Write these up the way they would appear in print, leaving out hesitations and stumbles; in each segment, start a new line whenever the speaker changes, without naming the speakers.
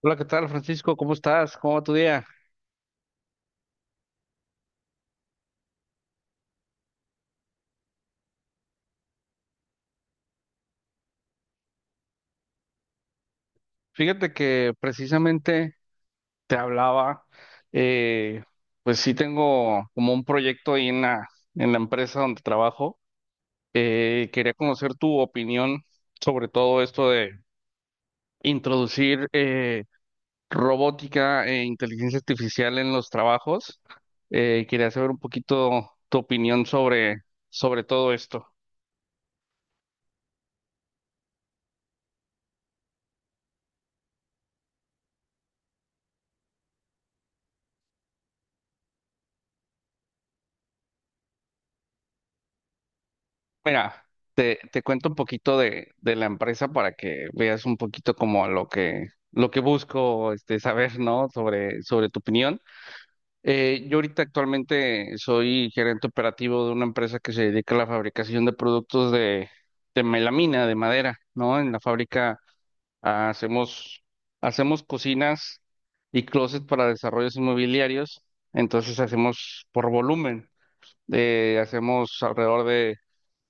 Hola, ¿qué tal, Francisco? ¿Cómo estás? ¿Cómo va tu día? Fíjate que precisamente te hablaba, eh, pues sí tengo como un proyecto ahí en la empresa donde trabajo. Quería conocer tu opinión sobre todo esto de introducir robótica e inteligencia artificial en los trabajos. Quería saber un poquito tu opinión sobre todo esto. Mira, te cuento un poquito de la empresa para que veas un poquito como lo que busco este, saber, ¿no? Sobre tu opinión. Yo ahorita actualmente soy gerente operativo de una empresa que se dedica a la fabricación de productos de melamina, de madera, ¿no? En la fábrica ah, hacemos, hacemos cocinas y closets para desarrollos inmobiliarios, entonces hacemos por volumen, hacemos alrededor de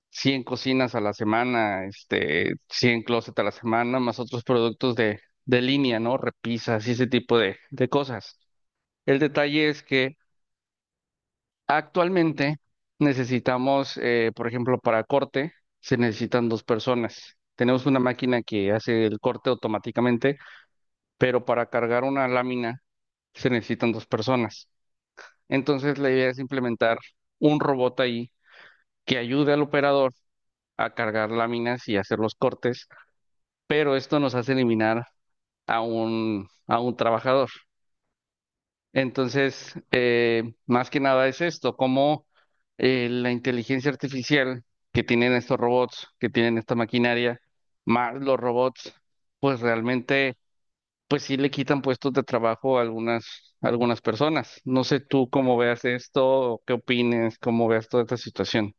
100 cocinas a la semana, este, 100 closets a la semana, más otros productos de línea, ¿no? Repisas y ese tipo de cosas. El detalle es que actualmente necesitamos, por ejemplo, para corte, se necesitan dos personas. Tenemos una máquina que hace el corte automáticamente, pero para cargar una lámina se necesitan dos personas. Entonces la idea es implementar un robot ahí que ayude al operador a cargar láminas y hacer los cortes, pero esto nos hace eliminar a a un trabajador. Entonces, más que nada es esto, cómo la inteligencia artificial que tienen estos robots, que tienen esta maquinaria, más los robots, pues realmente, pues sí le quitan puestos de trabajo a a algunas personas. No sé tú cómo veas esto, qué opines, cómo veas toda esta situación.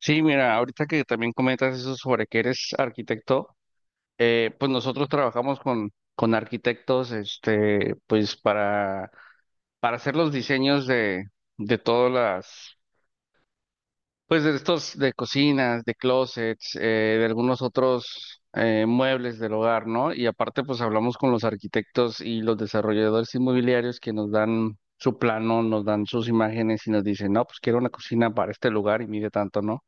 Sí, mira, ahorita que también comentas eso sobre que eres arquitecto, pues nosotros trabajamos con arquitectos, este, para hacer los diseños de todas las, pues de estos, de cocinas, de closets, de algunos otros muebles del hogar, ¿no? Y aparte, pues hablamos con los arquitectos y los desarrolladores inmobiliarios que nos dan su plano, nos dan sus imágenes y nos dicen, no, pues quiero una cocina para este lugar y mide tanto, ¿no?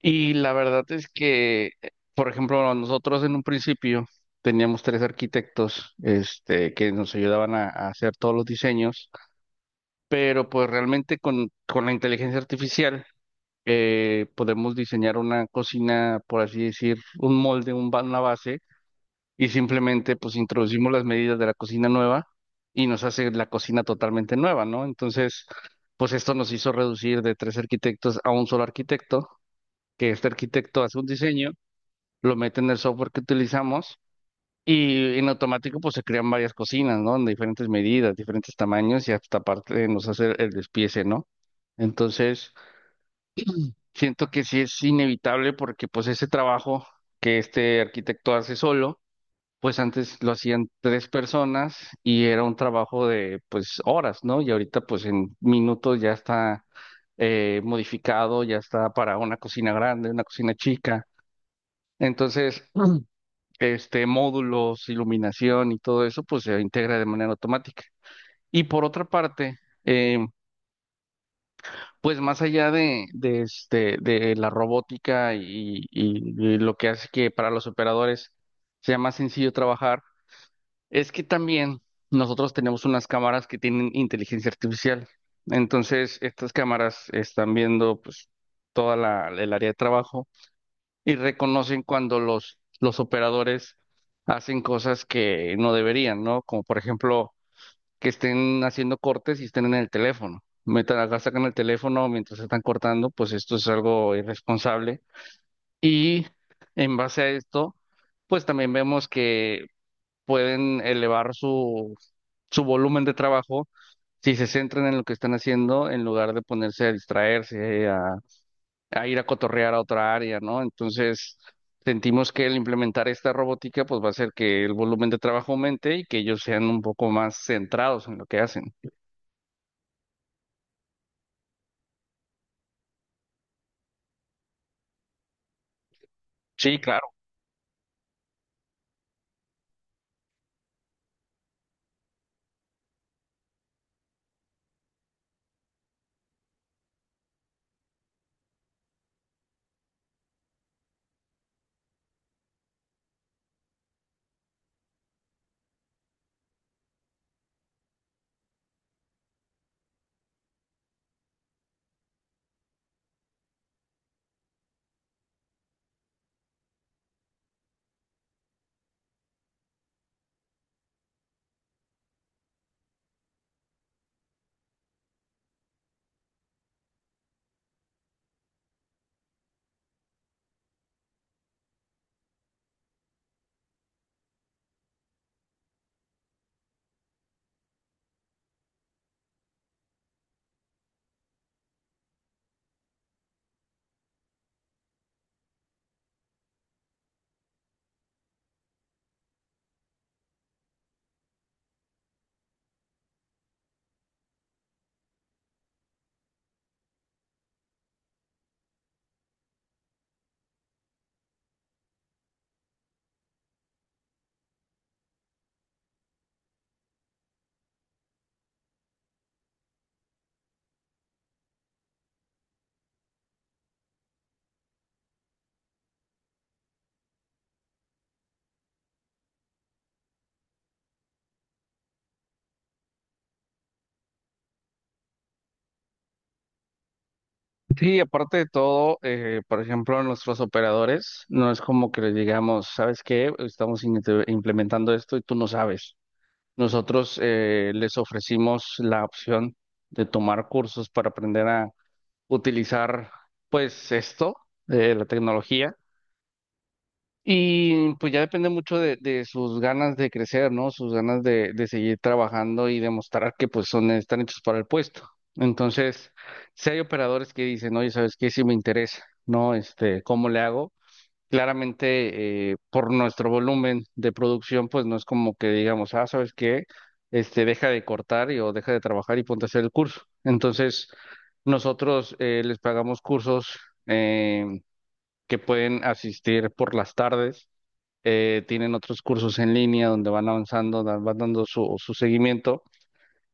Y la verdad es que, por ejemplo, nosotros en un principio teníamos tres arquitectos, este, que nos ayudaban a hacer todos los diseños, pero pues realmente con la inteligencia artificial podemos diseñar una cocina, por así decir, un molde, una base, y simplemente pues introducimos las medidas de la cocina nueva y nos hace la cocina totalmente nueva, ¿no? Entonces, pues esto nos hizo reducir de tres arquitectos a un solo arquitecto, que este arquitecto hace un diseño, lo mete en el software que utilizamos y en automático pues se crean varias cocinas, ¿no? En diferentes medidas, diferentes tamaños y hasta aparte nos hace el despiece, ¿no? Entonces, siento que sí es inevitable porque pues ese trabajo que este arquitecto hace solo, pues antes lo hacían tres personas y era un trabajo de pues horas, ¿no? Y ahorita pues en minutos ya está modificado, ya está para una cocina grande, una cocina chica. Entonces, este, módulos, iluminación y todo eso, pues se integra de manera automática. Y por otra parte, eh, pues más allá este, de la robótica y lo que hace que para los operadores sea más sencillo trabajar, es que también nosotros tenemos unas cámaras que tienen inteligencia artificial. Entonces, estas cámaras están viendo pues toda la, el área de trabajo y reconocen cuando los operadores hacen cosas que no deberían, ¿no? Como por ejemplo, que estén haciendo cortes y estén en el teléfono. Metan acá, sacan el teléfono mientras están cortando, pues esto es algo irresponsable. Y en base a esto, pues también vemos que pueden elevar su volumen de trabajo si se centran en lo que están haciendo en lugar de ponerse a distraerse, a ir a cotorrear a otra área, ¿no? Entonces, sentimos que el implementar esta robótica, pues va a hacer que el volumen de trabajo aumente y que ellos sean un poco más centrados en lo que hacen. Sí, claro. Sí, aparte de todo, por ejemplo, nuestros operadores, no es como que les digamos, ¿sabes qué? Estamos implementando esto y tú no sabes. Nosotros les ofrecimos la opción de tomar cursos para aprender a utilizar, pues, esto, la tecnología. Y pues ya depende mucho de sus ganas de crecer, ¿no? Sus ganas de seguir trabajando y demostrar que pues son, están hechos para el puesto. Entonces, si hay operadores que dicen, oye, ¿sabes qué? Si me interesa, ¿no? Este, ¿cómo le hago? Claramente, por nuestro volumen de producción, pues no es como que digamos, ah, ¿sabes qué? Este, deja de cortar y, o deja de trabajar y ponte a hacer el curso. Entonces, nosotros les pagamos cursos eh, que pueden asistir por las tardes, tienen otros cursos en línea donde van avanzando, van dando su seguimiento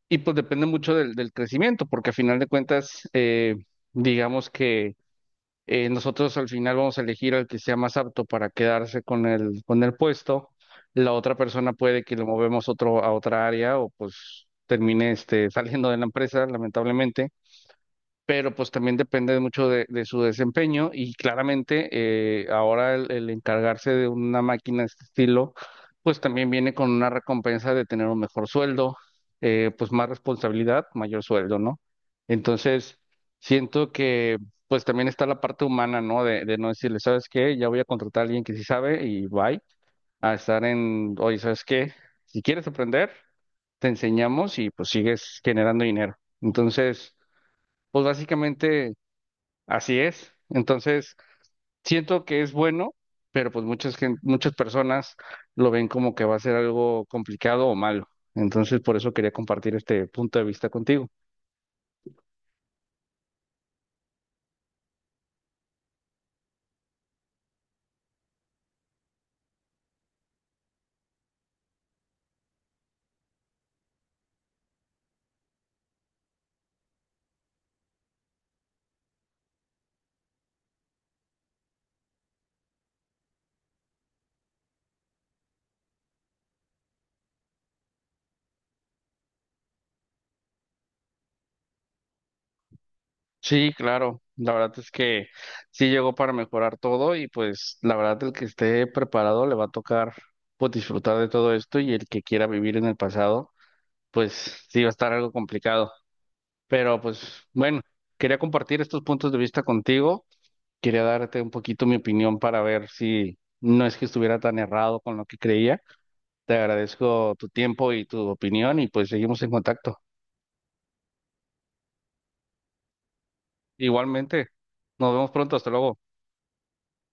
y pues depende mucho del crecimiento, porque a final de cuentas, digamos que nosotros al final vamos a elegir al que sea más apto para quedarse con con el puesto, la otra persona puede que lo movemos otro, a otra área, o pues termine este, saliendo de la empresa, lamentablemente, pero pues también depende mucho de su desempeño y claramente ahora el encargarse de una máquina de este estilo, pues también viene con una recompensa de tener un mejor sueldo, pues más responsabilidad, mayor sueldo, ¿no? Entonces, siento que pues también está la parte humana, ¿no? De no decirle, ¿sabes qué? Ya voy a contratar a alguien que sí sabe y bye, a estar en, oye, ¿sabes qué? Si quieres aprender, te enseñamos y pues sigues generando dinero. Entonces... Pues básicamente. Así es. Entonces, siento que es bueno, pero pues muchas personas lo ven como que va a ser algo complicado o malo. Entonces, por eso quería compartir este punto de vista contigo. Sí, claro. La verdad es que sí llegó para mejorar todo y pues la verdad el que esté preparado le va a tocar pues disfrutar de todo esto y el que quiera vivir en el pasado, pues sí va a estar algo complicado. Pero pues bueno, quería compartir estos puntos de vista contigo. Quería darte un poquito mi opinión para ver si no es que estuviera tan errado con lo que creía. Te agradezco tu tiempo y tu opinión y pues seguimos en contacto. Igualmente, nos vemos pronto, hasta luego.